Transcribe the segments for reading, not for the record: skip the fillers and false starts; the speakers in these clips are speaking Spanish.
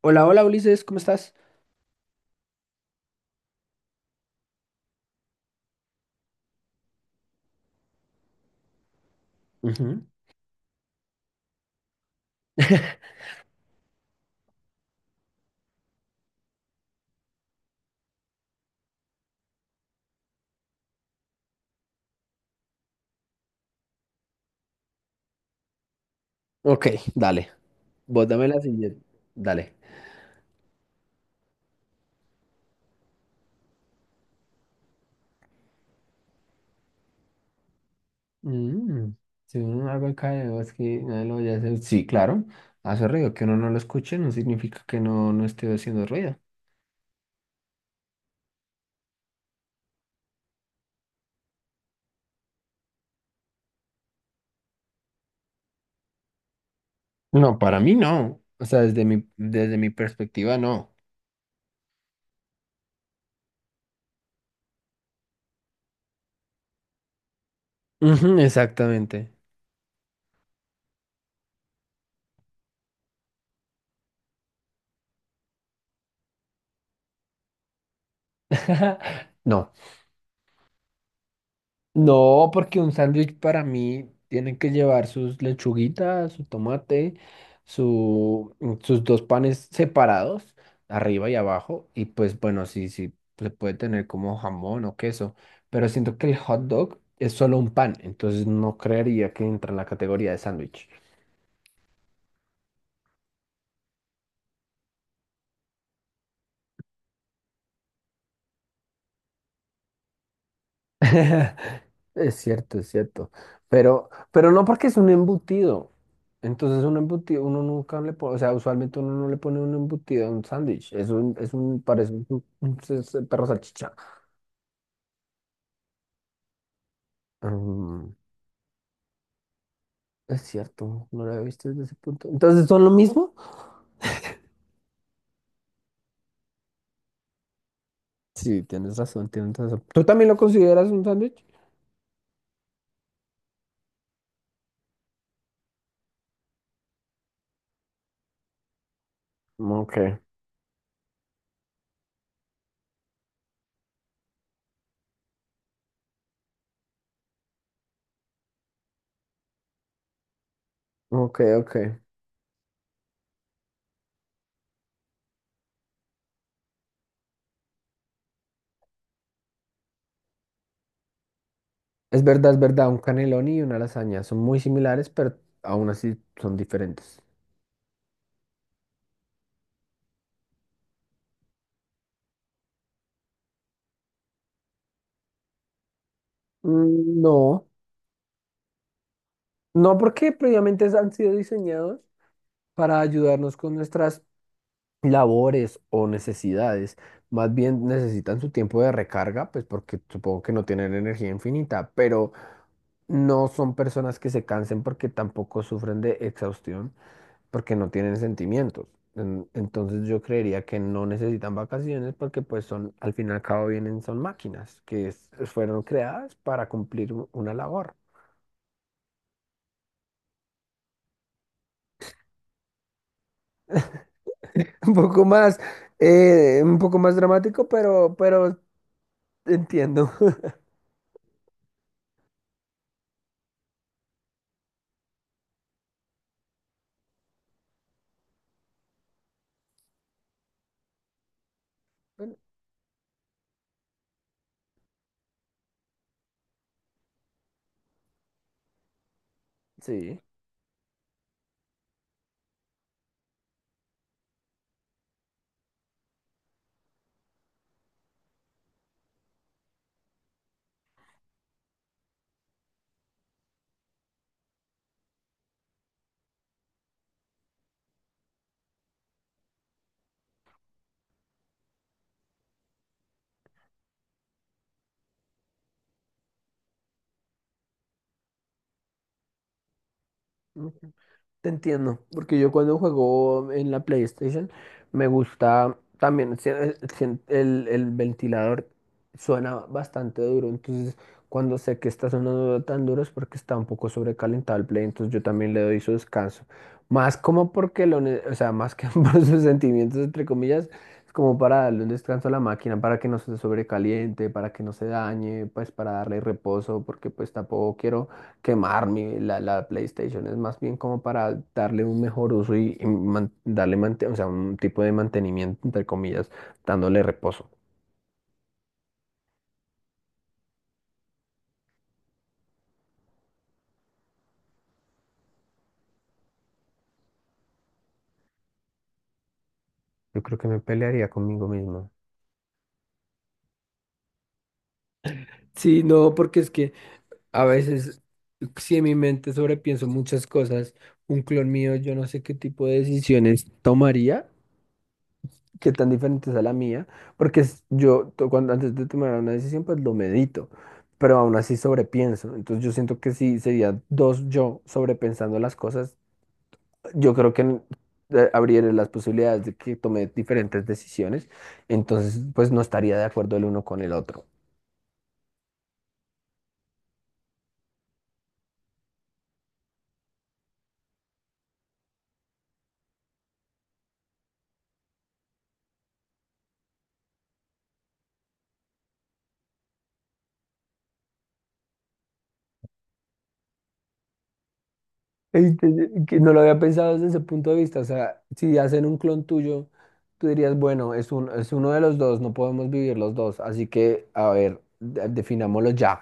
Hola, hola Ulises, ¿cómo estás? Ujú. Ok, dale. Vos dame la siguiente. Dale. Mm, Si uno no algo acá de voz que nadie lo vaya a hacer. Sí, claro, hace ruido. Que uno no lo escuche no significa que no esté haciendo ruido. No, para mí no. O sea, desde mi perspectiva, no. Ujú, exactamente. No. No, porque un sándwich para mí tiene que llevar sus lechuguitas, su tomate, sus dos panes separados, arriba y abajo. Y pues bueno, sí, sí, se puede tener como jamón o queso. Pero siento que el hot dog es solo un pan, entonces no creería que entra en la categoría de sándwich. Es cierto, es cierto. Pero no porque es un embutido. Entonces un embutido, uno nunca le pone, o sea, usualmente uno no le pone un embutido a un sándwich. Parece un perro salchicha. Mm, es cierto, no lo había visto desde ese punto. Entonces, ¿son lo mismo? Sí, tienes razón, tienes razón. ¿Tú también lo consideras un sándwich? Ok, ok, ok. Es verdad, un canelón y una lasaña son muy similares, pero aún así son diferentes. Mm. No. No porque previamente han sido diseñados para ayudarnos con nuestras labores o necesidades. Más bien necesitan su tiempo de recarga, pues porque supongo que no tienen energía infinita, pero no son personas que se cansen porque tampoco sufren de exhaustión, porque no tienen sentimientos. Entonces yo creería que no necesitan vacaciones porque pues son, al fin y al cabo vienen, son máquinas que es- fueron creadas para cumplir u- una labor. Un poco más, un poco más dramático, pero entiendo. Bueno, sí. Te entiendo, porque yo cuando juego en la PlayStation me gusta también el ventilador suena bastante duro, entonces cuando sé que está sonando tan duro es porque está un poco sobrecalentado el Play, entonces yo también le doy su descanso. Más como porque o sea, más que por sus sentimientos entre comillas, es como para darle un descanso a la máquina para que no se sobrecaliente, para que no se dañe, pues para darle reposo, porque pues tampoco quiero quemar la PlayStation, es más bien como para darle un mejor uso o sea, un tipo de mantenimiento, entre comillas, dándole reposo. Yo creo que me pelearía conmigo mismo. Sí, no, porque es que a veces, si en mi mente sobrepienso muchas cosas, un clon mío, yo no sé qué tipo de decisiones tomaría. Qué tan diferente es a la mía, porque cuando antes de tomar una decisión pues lo medito, pero aún así sobrepienso, entonces yo siento que si sería dos yo sobrepensando las cosas, yo creo que abriré las posibilidades de que tome diferentes decisiones, entonces pues no estaría de acuerdo el uno con el otro. Ey, que no lo había pensado desde ese punto de vista, o sea, si hacen un clon tuyo, tú dirías, bueno, es uno de los dos, no podemos vivir los dos, así que, a ver, definámoslo ya.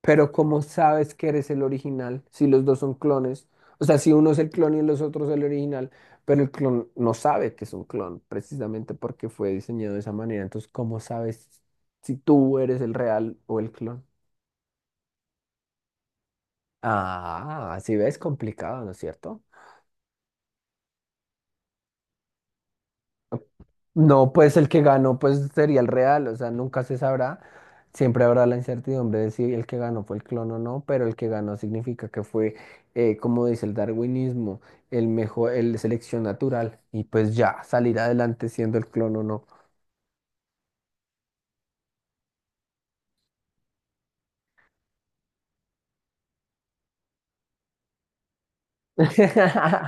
Pero ¿cómo sabes que eres el original si los dos son clones? O sea, si uno es el clon y los otros el original, pero el clon no sabe que es un clon precisamente porque fue diseñado de esa manera. Entonces, ¿cómo sabes si tú eres el real o el clon? Ah, si ves, complicado, ¿no es cierto? No, pues el que ganó pues sería el real, o sea, nunca se sabrá. Siempre habrá la incertidumbre de si el que ganó fue el clon o no, pero el que ganó significa que fue, como dice el darwinismo, el mejor, el selección natural y pues ya salir adelante siendo el clon o no.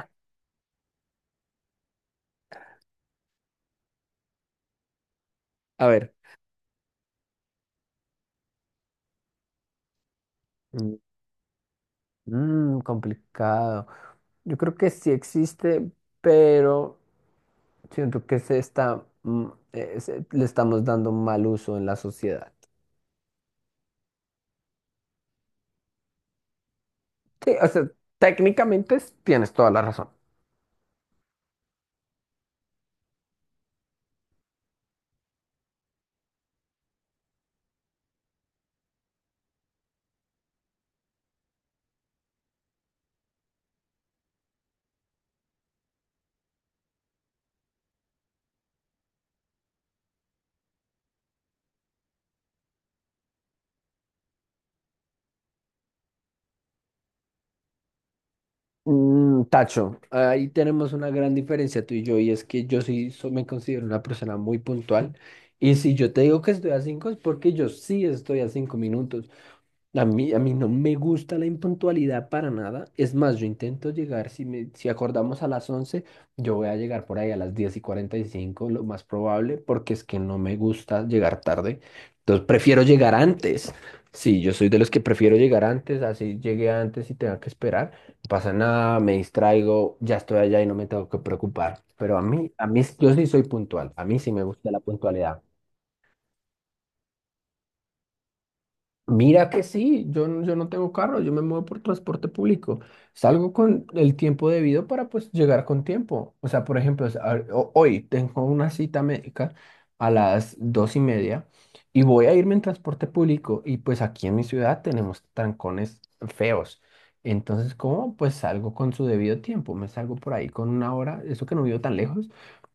A ver, complicado. Yo creo que sí existe, pero siento que se está, mm, se- le estamos dando mal uso en la sociedad. Sí, o sea, técnicamente tienes toda la razón. Tacho, ahí tenemos una gran diferencia tú y yo, y es que yo sí me considero una persona muy puntual. Y si yo te digo que estoy a cinco es porque yo sí estoy a 5 minutos. A mí no me gusta la impuntualidad para nada. Es más, yo intento llegar, si acordamos a las 11 yo voy a llegar por ahí a las 10:45 lo más probable, porque es que no me gusta llegar tarde. Entonces prefiero llegar antes. Sí, yo soy de los que prefiero llegar antes, así llegué antes y tenga que esperar. No pasa nada, me distraigo, ya estoy allá y no me tengo que preocupar. Pero a mí, yo sí soy puntual. A mí sí me gusta la puntualidad. Mira que sí, yo no tengo carro, yo me muevo por transporte público. Salgo con el tiempo debido para pues llegar con tiempo. O sea, por ejemplo, hoy tengo una cita médica a las 2:30 y voy a irme en transporte público y pues aquí en mi ciudad tenemos trancones feos. Entonces, ¿cómo? Pues salgo con su debido tiempo, me salgo por ahí con una hora, eso que no vivo tan lejos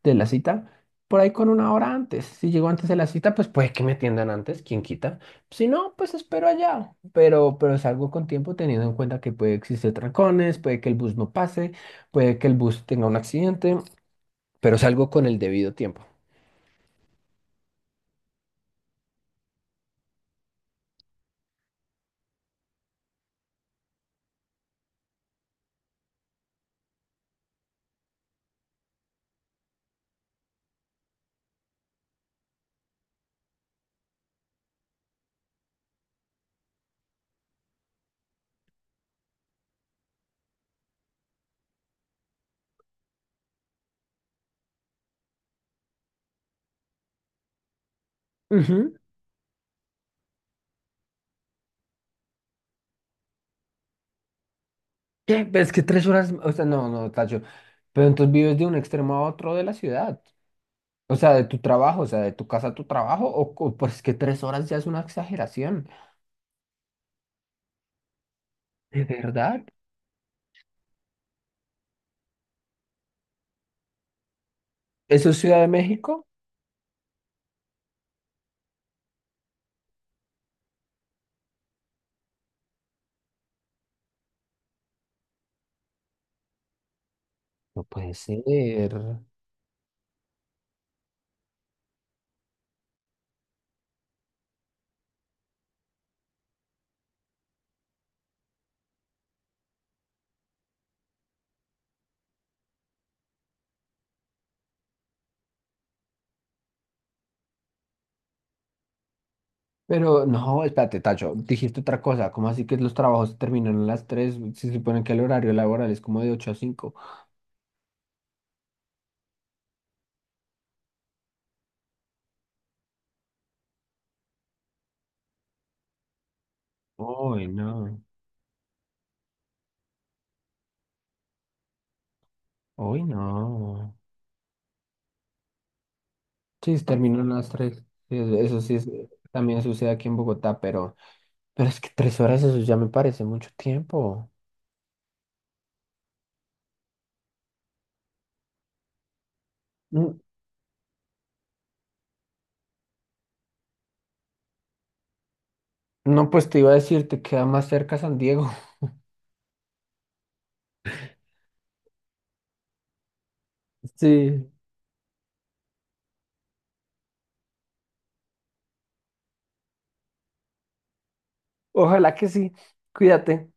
de la cita, por ahí con una hora antes. Si llego antes de la cita, pues puede que me atiendan antes, ¿quién quita? Si no, pues espero allá, pero salgo con tiempo teniendo en cuenta que puede existir trancones, puede que el bus no pase, puede que el bus tenga un accidente, pero salgo con el debido tiempo. Ujú. ¿Qué? Pero es que 3 horas, o sea, no, no, Tacho, pero entonces vives de un extremo a otro de la ciudad, o sea, de tu trabajo, o sea, de tu casa a tu trabajo, o pues que tres horas ya es una exageración, ¿de verdad? ¿Eso es Ciudad de México? No puede ser. Pero no, espérate, Tacho, dijiste otra cosa. ¿Cómo así que los trabajos se terminan a las 3? Se supone que el horario laboral es como de ocho a cinco. Uy, no. Uy, no. Sí, se terminan a las 3. Sí, eso sí también sucede aquí en Bogotá, pero es que 3 horas eso ya me parece mucho tiempo. Mm, No, pues te iba a decir, te queda más cerca San Diego. Sí. Ojalá que sí. Cuídate.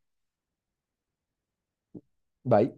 Bye.